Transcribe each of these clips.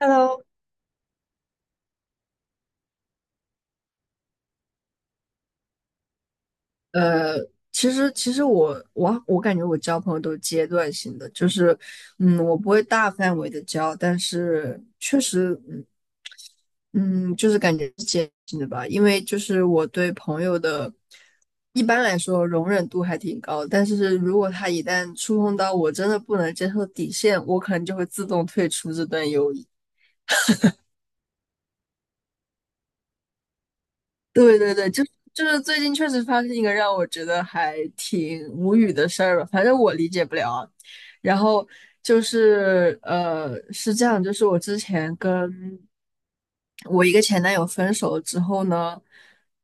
Hello，呃，其实我感觉我交朋友都是阶段性的，就是，我不会大范围的交，但是确实，嗯，就是感觉是阶段性的吧。因为就是我对朋友的，一般来说容忍度还挺高，但是如果他一旦触碰到我真的不能接受底线，我可能就会自动退出这段友谊。对对对，就是最近确实发生一个让我觉得还挺无语的事儿吧，反正我理解不了啊。然后就是是这样，就是我之前跟我一个前男友分手了之后呢，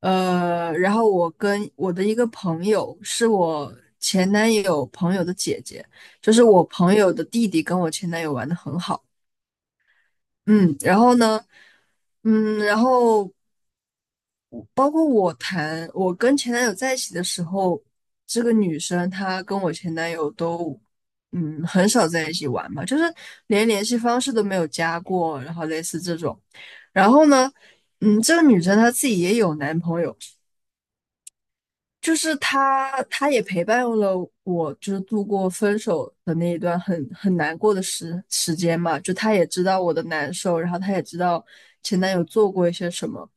然后我跟我的一个朋友，是我前男友朋友的姐姐，就是我朋友的弟弟，跟我前男友玩的很好。嗯，然后呢，然后。包括我我跟前男友在一起的时候，这个女生她跟我前男友都很少在一起玩嘛，就是连联系方式都没有加过，然后类似这种。然后呢，这个女生她自己也有男朋友，就是她也陪伴了我，就是度过分手的那一段很难过的时间嘛，就她也知道我的难受，然后她也知道前男友做过一些什么。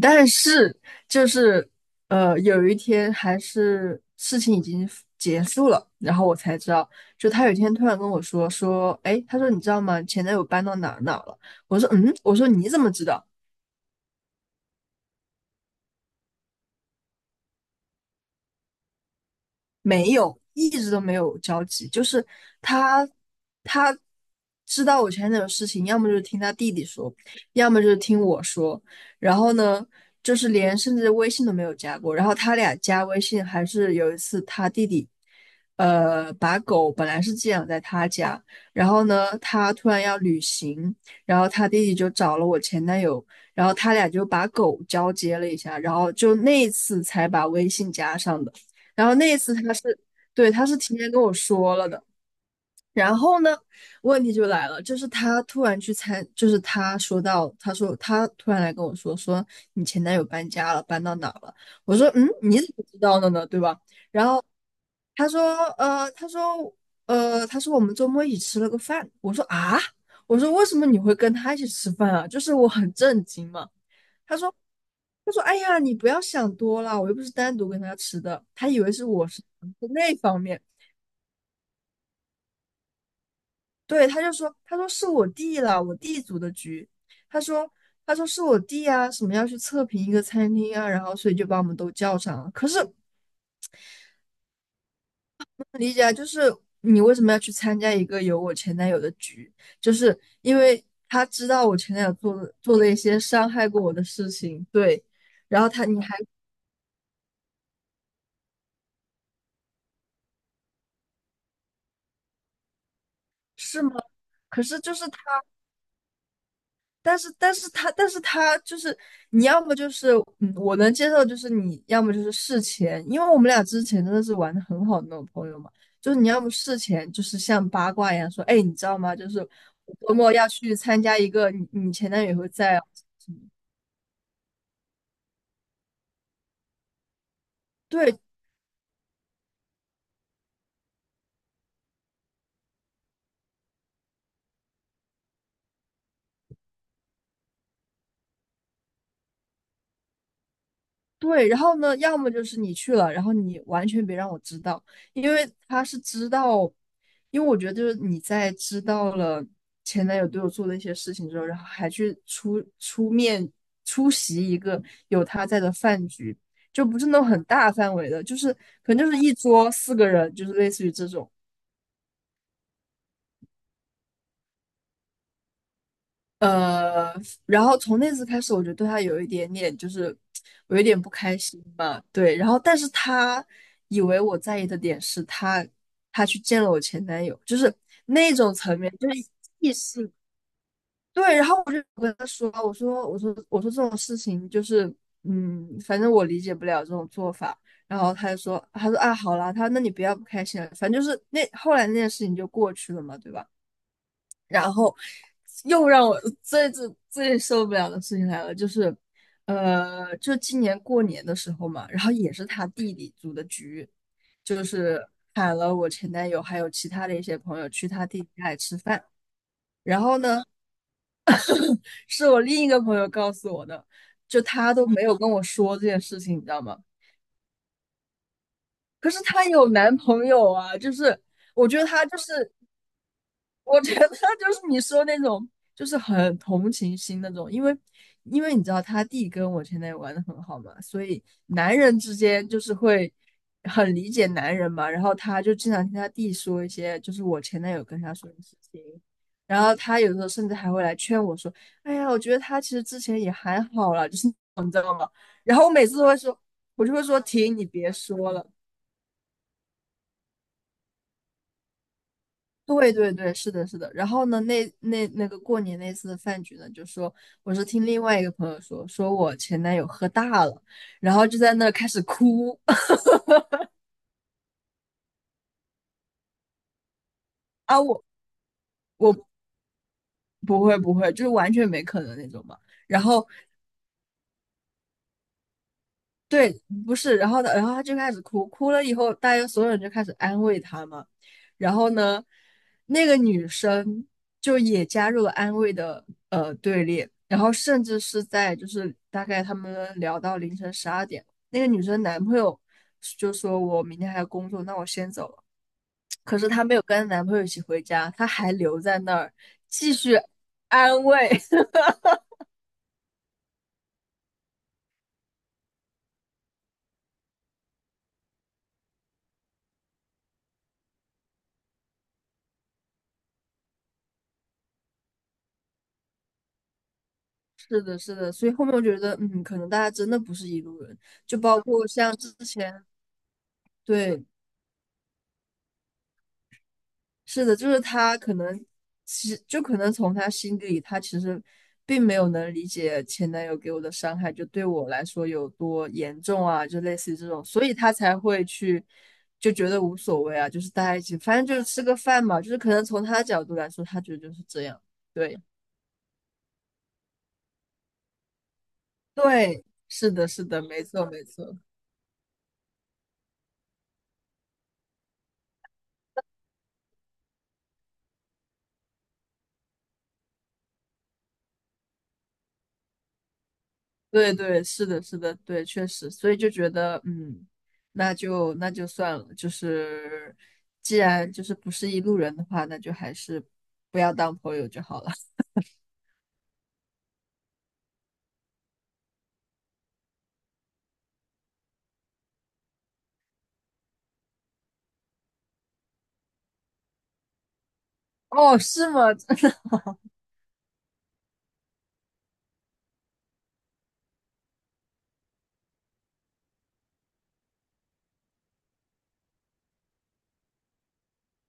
但是就是有一天还是事情已经结束了，然后我才知道，就他有一天突然跟我说，哎，他说你知道吗？前男友搬到哪儿了？我说嗯，我说你怎么知道？没有，一直都没有交集。就是他，他知道我前男友的事情，要么就是听他弟弟说，要么就是听我说。然后呢，就是连甚至微信都没有加过。然后他俩加微信，还是有一次他弟弟，把狗本来是寄养在他家，然后呢，他突然要旅行，然后他弟弟就找了我前男友，然后他俩就把狗交接了一下，然后就那一次才把微信加上的。然后那一次他是，对，他是提前跟我说了的。然后呢，问题就来了，就是他突然去参，就是他说他突然来跟我说，说你前男友搬家了，搬到哪儿了？我说，嗯，你怎么知道的呢？对吧？他说，呃，他说，他说我们周末一起吃了个饭。我说啊，我说为什么你会跟他一起吃饭啊？就是我很震惊嘛。他说，他说，哎呀，你不要想多了，我又不是单独跟他吃的，他以为我是那方面。对，他说是我弟了，我弟组的局。他说，他说是我弟啊，什么要去测评一个餐厅啊，然后所以就把我们都叫上了。可是不能理解啊，就是你为什么要去参加一个有我前男友的局？就是因为他知道我前男友做了一些伤害过我的事情，对。然后他，你还是吗？可是就是。他。但是他就是你要么就是，嗯，我能接受，就是你要么就是事前，因为我们俩之前真的是玩的很好的那种朋友嘛，就是你要么事前就是像八卦一样说，哎，你知道吗？就是我周末要去参加一个你前男友也会在啊，对，然后呢，要么就是你去了，然后你完全别让我知道，因为他是知道，因为我觉得就是你在知道了前男友对我做的一些事情之后，然后还去出面出席一个有他在的饭局，就不是那种很大范围的，就是可能就是一桌四个人，就是类似于这种，呃，然后从那次开始，我就对他有一点点，就是我有点不开心嘛。对，然后但是他以为我在意的点是他，他去见了我前男友，就是异性，对。然后我就跟他说，我说这种事情就是，反正我理解不了这种做法。然后他说啊，好啦，他说那你不要不开心了，反正就是那后来那件事情就过去了嘛，对吧？然后又让我最最最受不了的事情来了，就是，就今年过年的时候嘛，然后也是他弟弟组的局，就是喊了我前男友还有其他的一些朋友去他弟弟家里吃饭。然后呢，是我另一个朋友告诉我的，就他都没有跟我说这件事情，你知道吗？可是她有男朋友啊，就是我觉得她就是我觉得就是你说那种，就是很同情心那种，因为你知道他弟跟我前男友玩的很好嘛，所以男人之间就是会很理解男人嘛。然后他就经常听他弟说一些，就是我前男友跟他说的事情。然后他有时候甚至还会来劝我说：“哎呀，我觉得他其实之前也还好啦。”就是，然后我就会说：“停，你别说了。”对对对，是的，是的。然后呢，那个过年那次的饭局呢，就说我是听另外一个朋友说，说我前男友喝大了，然后就在那儿开始哭。 啊，我不会不会，就是完全没可能那种嘛。然后对，不是，然后呢，然后他就开始哭，哭了以后，大家所有人就开始安慰他嘛。然后呢，那个女生就也加入了安慰的队列，然后甚至是在就是大概他们聊到凌晨12点，那个女生男朋友就说我明天还要工作，那我先走了。可是她没有跟男朋友一起回家，她还留在那儿继续安慰。是的，是的，所以后面我觉得，嗯，可能大家真的不是一路人，就包括像之前，对，是的，就是他可能，其实就可能从他心底里，他其实并没有能理解前男友给我的伤害，就对我来说有多严重啊，就类似于这种，所以他才会去就觉得无所谓啊，就是大家一起，反正就是吃个饭嘛，就是可能从他的角度来说，他觉得就是这样，对，对，是的，是的，没错，没错。对对，是的，是的，对，确实，所以就觉得，嗯，那就算了，就是既然就是不是一路人的话，那就还是不要当朋友就好了。哦，是吗？真的？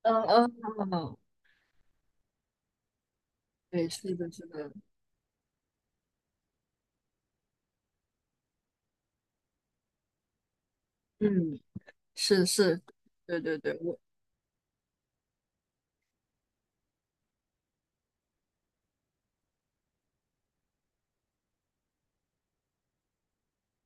嗯嗯嗯，嗯对，是的，是的，嗯，是是，对对对，我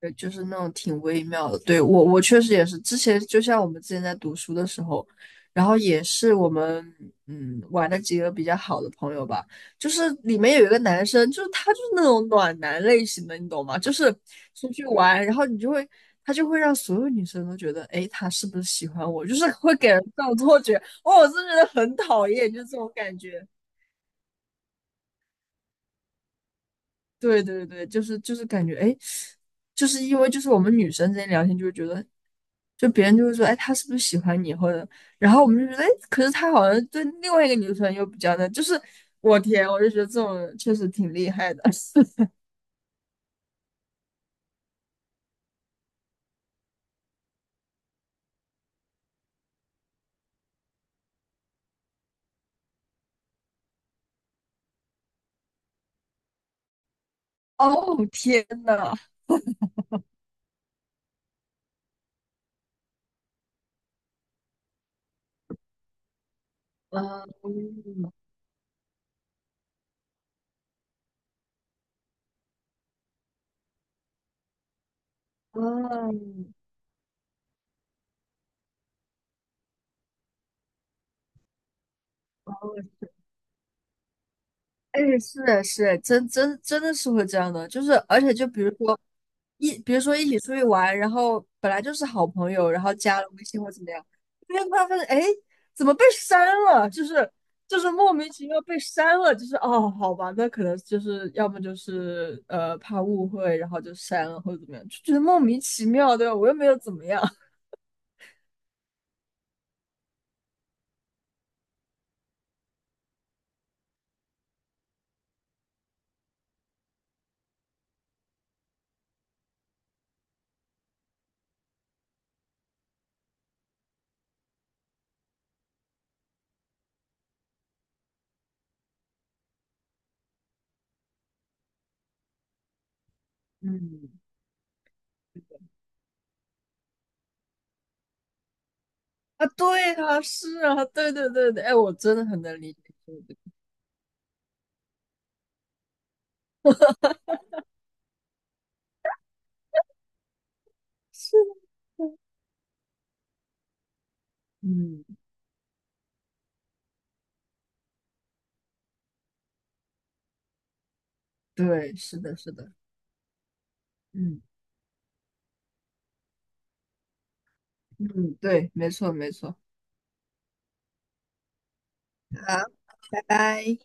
对，就是那种挺微妙的。对，我确实也是，之前就像我们之前在读书的时候，然后也是我们玩的几个比较好的朋友吧，就是里面有一个男生，就是他就是那种暖男类型的，你懂吗？就是出去玩，然后你就会他就会让所有女生都觉得，哎，他是不是喜欢我？就是会给人这种错觉，哦，我真的觉得很讨厌，就这种感觉。对对对，就是感觉，哎，就是因为就是我们女生之间聊天，就会觉得，就别人就会说，哎，他是不是喜欢你，或者，然后我们就觉得，哎，可是他好像对另外一个女生又比较的，就是我天，我就觉得这种人确实挺厉害的。哦，天呐，嗯嗯，哎，是是，真的是会这样的，就是而且就比如说比如说一起出去玩，然后本来就是好朋友，然后加了微信或怎么样，突然发现，哎，怎么被删了？就是莫名其妙被删了，就是哦，好吧，那可能就是要么就是怕误会，然后就删了或者怎么样，就觉得莫名其妙，对吧？我又没有怎么样。 嗯，啊，对啊，是啊，对对对对，哎，我真的很能理解这个，是的。嗯。对，是的，是的，嗯嗯，对，没错，没错，好，拜拜。